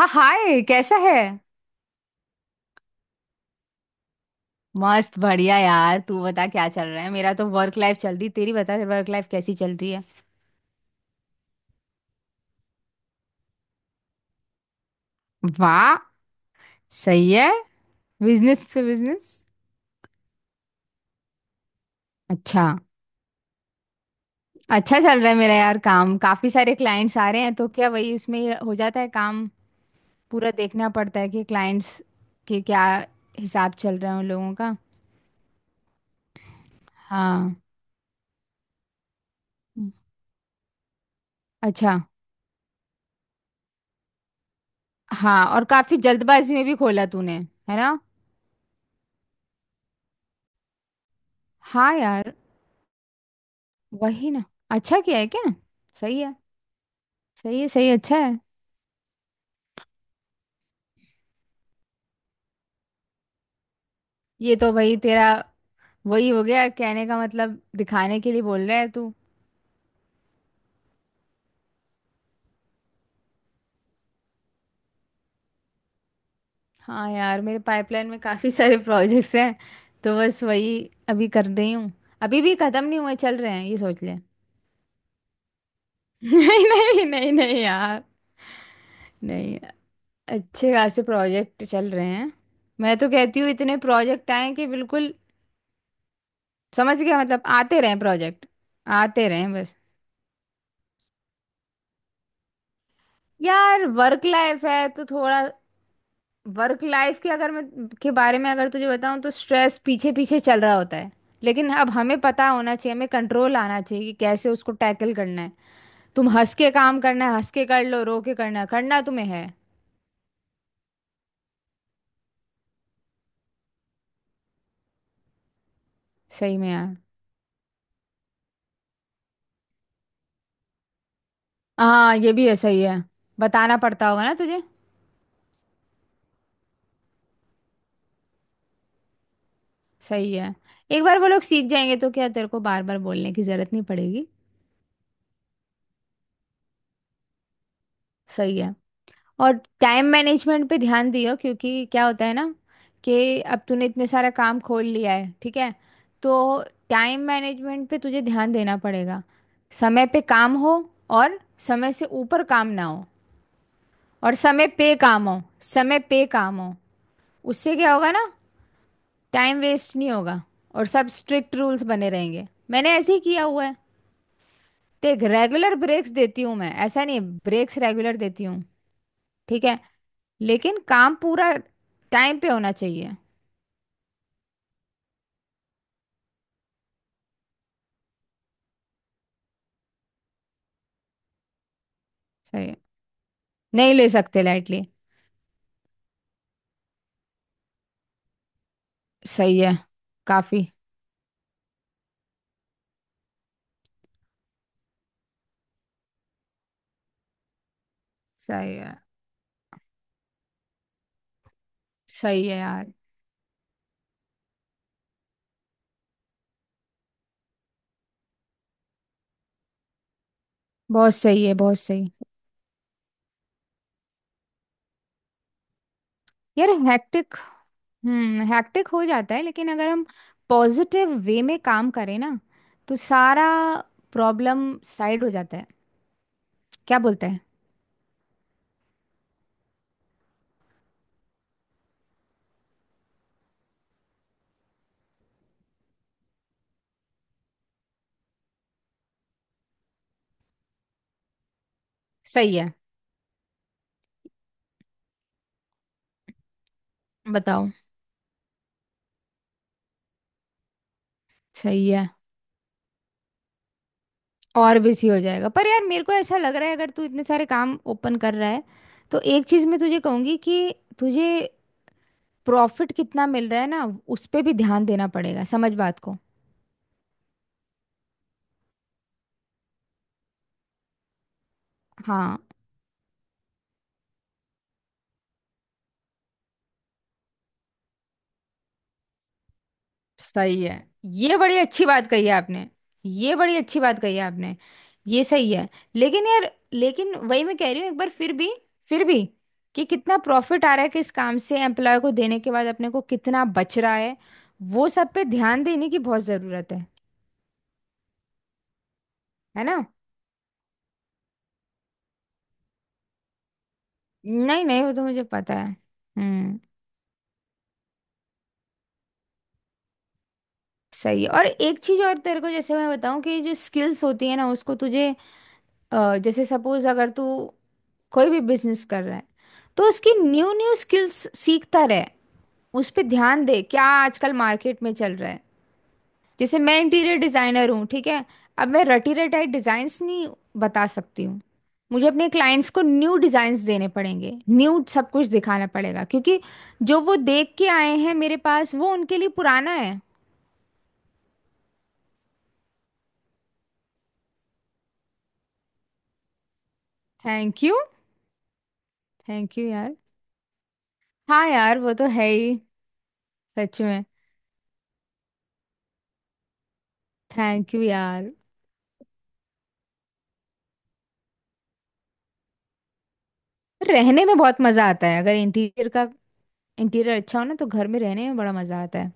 हाँ, हाय। कैसा है? मस्त बढ़िया यार। तू बता, क्या चल रहा है? मेरा तो वर्क लाइफ चल रही। तेरी बता, वर्क लाइफ कैसी चल रही है? वाह। सही है। बिजनेस पे बिजनेस। अच्छा, अच्छा चल रहा है मेरा यार। काम काफी सारे क्लाइंट्स आ रहे हैं तो क्या, वही उसमें ही हो जाता है काम। पूरा देखना पड़ता है कि क्लाइंट्स के क्या हिसाब चल रहा है उन लोगों का। हाँ। अच्छा। हाँ, और काफी जल्दबाजी में भी खोला तूने। है ना। हाँ यार। वही ना। अच्छा किया है क्या? सही है। सही है, सही है, अच्छा है। ये तो भाई तेरा वही हो गया, कहने का मतलब दिखाने के लिए बोल रहा है तू। हाँ यार, मेरे पाइपलाइन में काफ़ी सारे प्रोजेक्ट्स हैं। तो बस वही अभी कर रही हूँ। अभी भी ख़त्म नहीं हुए, चल रहे हैं, ये सोच ले। नहीं, नहीं, नहीं, नहीं यार। नहीं, अच्छे खासे प्रोजेक्ट चल रहे हैं। मैं तो कहती हूँ इतने प्रोजेक्ट आए कि बिल्कुल समझ गया, मतलब आते रहें प्रोजेक्ट, आते रहें बस। यार वर्क लाइफ है तो थोड़ा। वर्क लाइफ के अगर मैं के बारे में अगर तुझे बताऊं, तो स्ट्रेस पीछे पीछे चल रहा होता है। लेकिन अब हमें पता होना चाहिए, हमें कंट्रोल आना चाहिए कि कैसे उसको टैकल करना है। तुम हंस के काम करना है, हंस के कर लो, रो के करना है, करना तुम्हें है। सही में यार। हाँ, ये भी है, सही है। बताना पड़ता होगा ना तुझे। सही है। एक बार वो लोग सीख जाएंगे तो क्या तेरे को बार बार बोलने की जरूरत नहीं पड़ेगी। सही है। और टाइम मैनेजमेंट पे ध्यान दियो, क्योंकि क्या होता है ना कि अब तूने इतने सारा काम खोल लिया है, ठीक है। तो टाइम मैनेजमेंट पे तुझे ध्यान देना पड़ेगा। समय पे काम हो, और समय से ऊपर काम ना हो, और समय पे काम हो, समय पे काम हो। उससे क्या होगा ना, टाइम वेस्ट नहीं होगा। और सब स्ट्रिक्ट रूल्स बने रहेंगे, मैंने ऐसे ही किया हुआ है। देख, रेगुलर ब्रेक्स देती हूँ मैं, ऐसा नहीं, ब्रेक्स रेगुलर देती हूँ। ठीक है। लेकिन काम पूरा टाइम पे होना चाहिए। सही है। नहीं ले सकते लाइटली। सही है। काफी। सही है। सही है यार। बहुत सही है, बहुत सही। यार हैक्टिक। हम्म, हैक्टिक हो जाता है, लेकिन अगर हम पॉजिटिव वे में काम करें ना, तो सारा प्रॉब्लम साइड हो जाता है। क्या बोलते हैं। सही है। बताओ। सही है, और बिजी हो जाएगा। पर यार, मेरे को ऐसा लग रहा है, अगर तू इतने सारे काम ओपन कर रहा है, तो एक चीज मैं तुझे कहूंगी कि तुझे प्रॉफिट कितना मिल रहा है ना, उस पे भी ध्यान देना पड़ेगा। समझ बात को। हाँ। सही है। ये बड़ी अच्छी बात कही है आपने। ये बड़ी अच्छी बात कही है आपने। ये सही है। लेकिन यार, लेकिन वही मैं कह रही हूँ, एक बार फिर भी, फिर भी, कि कितना प्रॉफिट आ रहा है किस काम से, एम्प्लॉय को देने के बाद अपने को कितना बच रहा है। वो सब पे ध्यान देने की बहुत ज़रूरत है। है ना। नहीं, नहीं, वो तो मुझे पता है। हम्म। सही है। और एक चीज और तेरे को जैसे मैं बताऊं, कि जो स्किल्स होती है ना, उसको तुझे, जैसे सपोज, अगर तू कोई भी बिजनेस कर रहा है, तो उसकी न्यू न्यू स्किल्स सीखता रहे। उस पे ध्यान दे, क्या आजकल मार्केट में चल रहा है। जैसे मैं इंटीरियर डिजाइनर हूँ, ठीक है। अब मैं रटी रटाई डिजाइन्स नहीं बता सकती हूँ। मुझे अपने क्लाइंट्स को न्यू डिजाइन्स देने पड़ेंगे, न्यू सब कुछ दिखाना पड़ेगा, क्योंकि जो वो देख के आए हैं मेरे पास, वो उनके लिए पुराना है। Thank you. थैंक यू यार। हाँ यार, वो तो है ही। सच में। थैंक यू यार। रहने में बहुत मजा आता है, अगर इंटीरियर का, इंटीरियर अच्छा हो ना तो घर में रहने में बड़ा मजा आता है।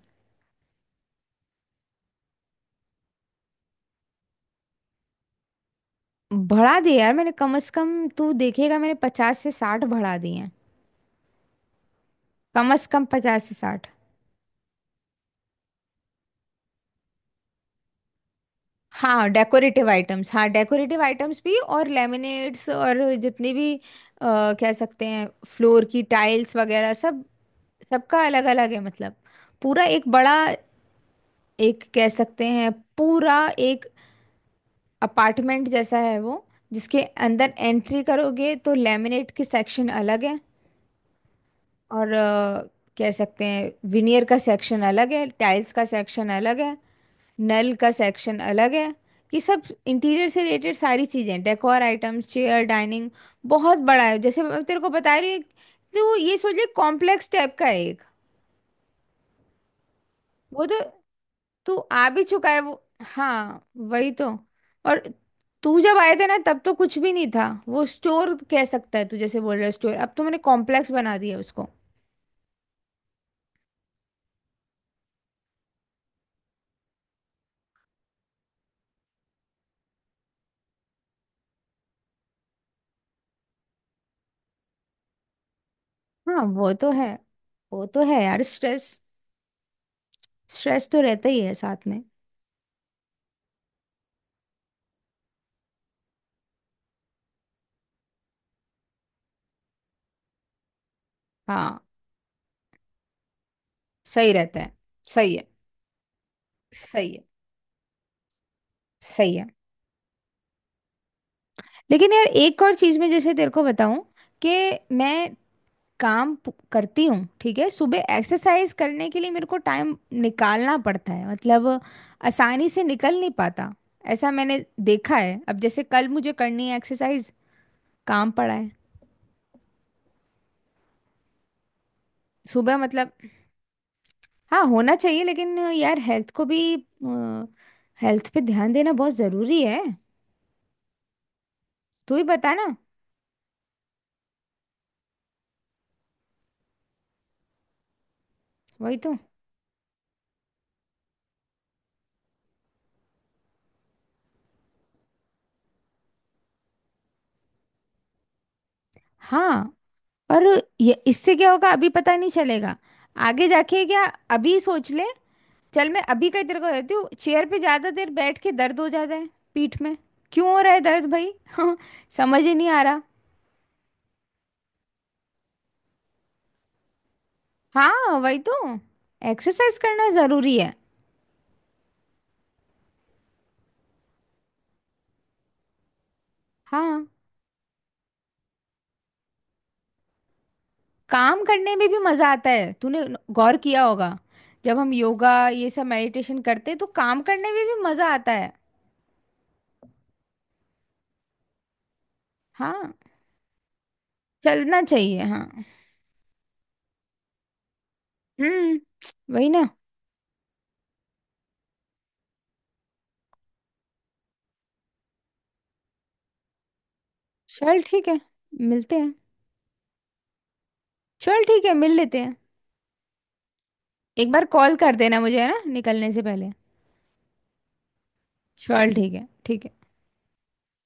बढ़ा दिए यार मैंने। कम से कम तू देखेगा, मैंने 50 से 60 बढ़ा दिए। कम से कम 50 से 60। हाँ, डेकोरेटिव आइटम्स, हाँ डेकोरेटिव आइटम्स भी, और लेमिनेट्स, और जितनी भी कह सकते हैं, फ्लोर की टाइल्स वगैरह सब। सबका अलग अलग है, मतलब पूरा एक बड़ा, एक कह सकते हैं, पूरा एक अपार्टमेंट जैसा है वो, जिसके अंदर एंट्री करोगे तो लेमिनेट के सेक्शन अलग है, और कह सकते हैं विनियर का सेक्शन अलग है, टाइल्स का सेक्शन अलग है, नल का सेक्शन अलग है। ये सब इंटीरियर से रिलेटेड सारी चीजें, डेकोर आइटम्स, चेयर, डाइनिंग, बहुत बड़ा है। जैसे मैं तेरे को बता रही हूँ तो वो, ये सोच ले कॉम्प्लेक्स टाइप का है एक। वो तो तू आ भी चुका है वो। हाँ वही तो। और तू जब आए थे ना, तब तो कुछ भी नहीं था वो स्टोर, कह सकता है तू, जैसे बोल रहा है स्टोर, अब तो मैंने कॉम्प्लेक्स बना दिया उसको। हाँ वो तो है। वो तो है यार स्ट्रेस, स्ट्रेस तो रहता ही है साथ में। हाँ, सही रहता है। सही है। सही है। सही है। लेकिन यार एक और चीज में जैसे तेरे को बताऊं, कि मैं करती हूँ, ठीक है। सुबह एक्सरसाइज करने के लिए मेरे को टाइम निकालना पड़ता है, मतलब आसानी से निकल नहीं पाता, ऐसा मैंने देखा है। अब जैसे कल मुझे करनी है एक्सरसाइज, काम पड़ा है। सुबह, मतलब, हाँ, होना चाहिए। लेकिन यार हेल्थ को भी, हेल्थ पे ध्यान देना बहुत जरूरी है। तू ही बता ना। वही तो। हाँ। और ये, इससे क्या होगा अभी पता नहीं चलेगा, आगे जाके क्या, अभी सोच ले। चल मैं अभी का ही तेरे को देती हूँ। चेयर पे ज्यादा देर बैठ के दर्द हो जाता है पीठ में। क्यों हो रहा है दर्द भाई? समझ ही नहीं आ रहा। हाँ वही तो। एक्सरसाइज करना जरूरी है। हाँ, काम करने में भी मजा आता है, तूने गौर किया होगा। जब हम योगा ये सब मेडिटेशन करते हैं तो काम करने में भी मजा आता है। हाँ। चलना चाहिए, हाँ। हम्म। वही ना। चल ठीक है, मिलते हैं। चल ठीक है, मिल लेते हैं। एक बार कॉल कर देना मुझे, है ना, निकलने से पहले। चल ठीक है, ठीक है।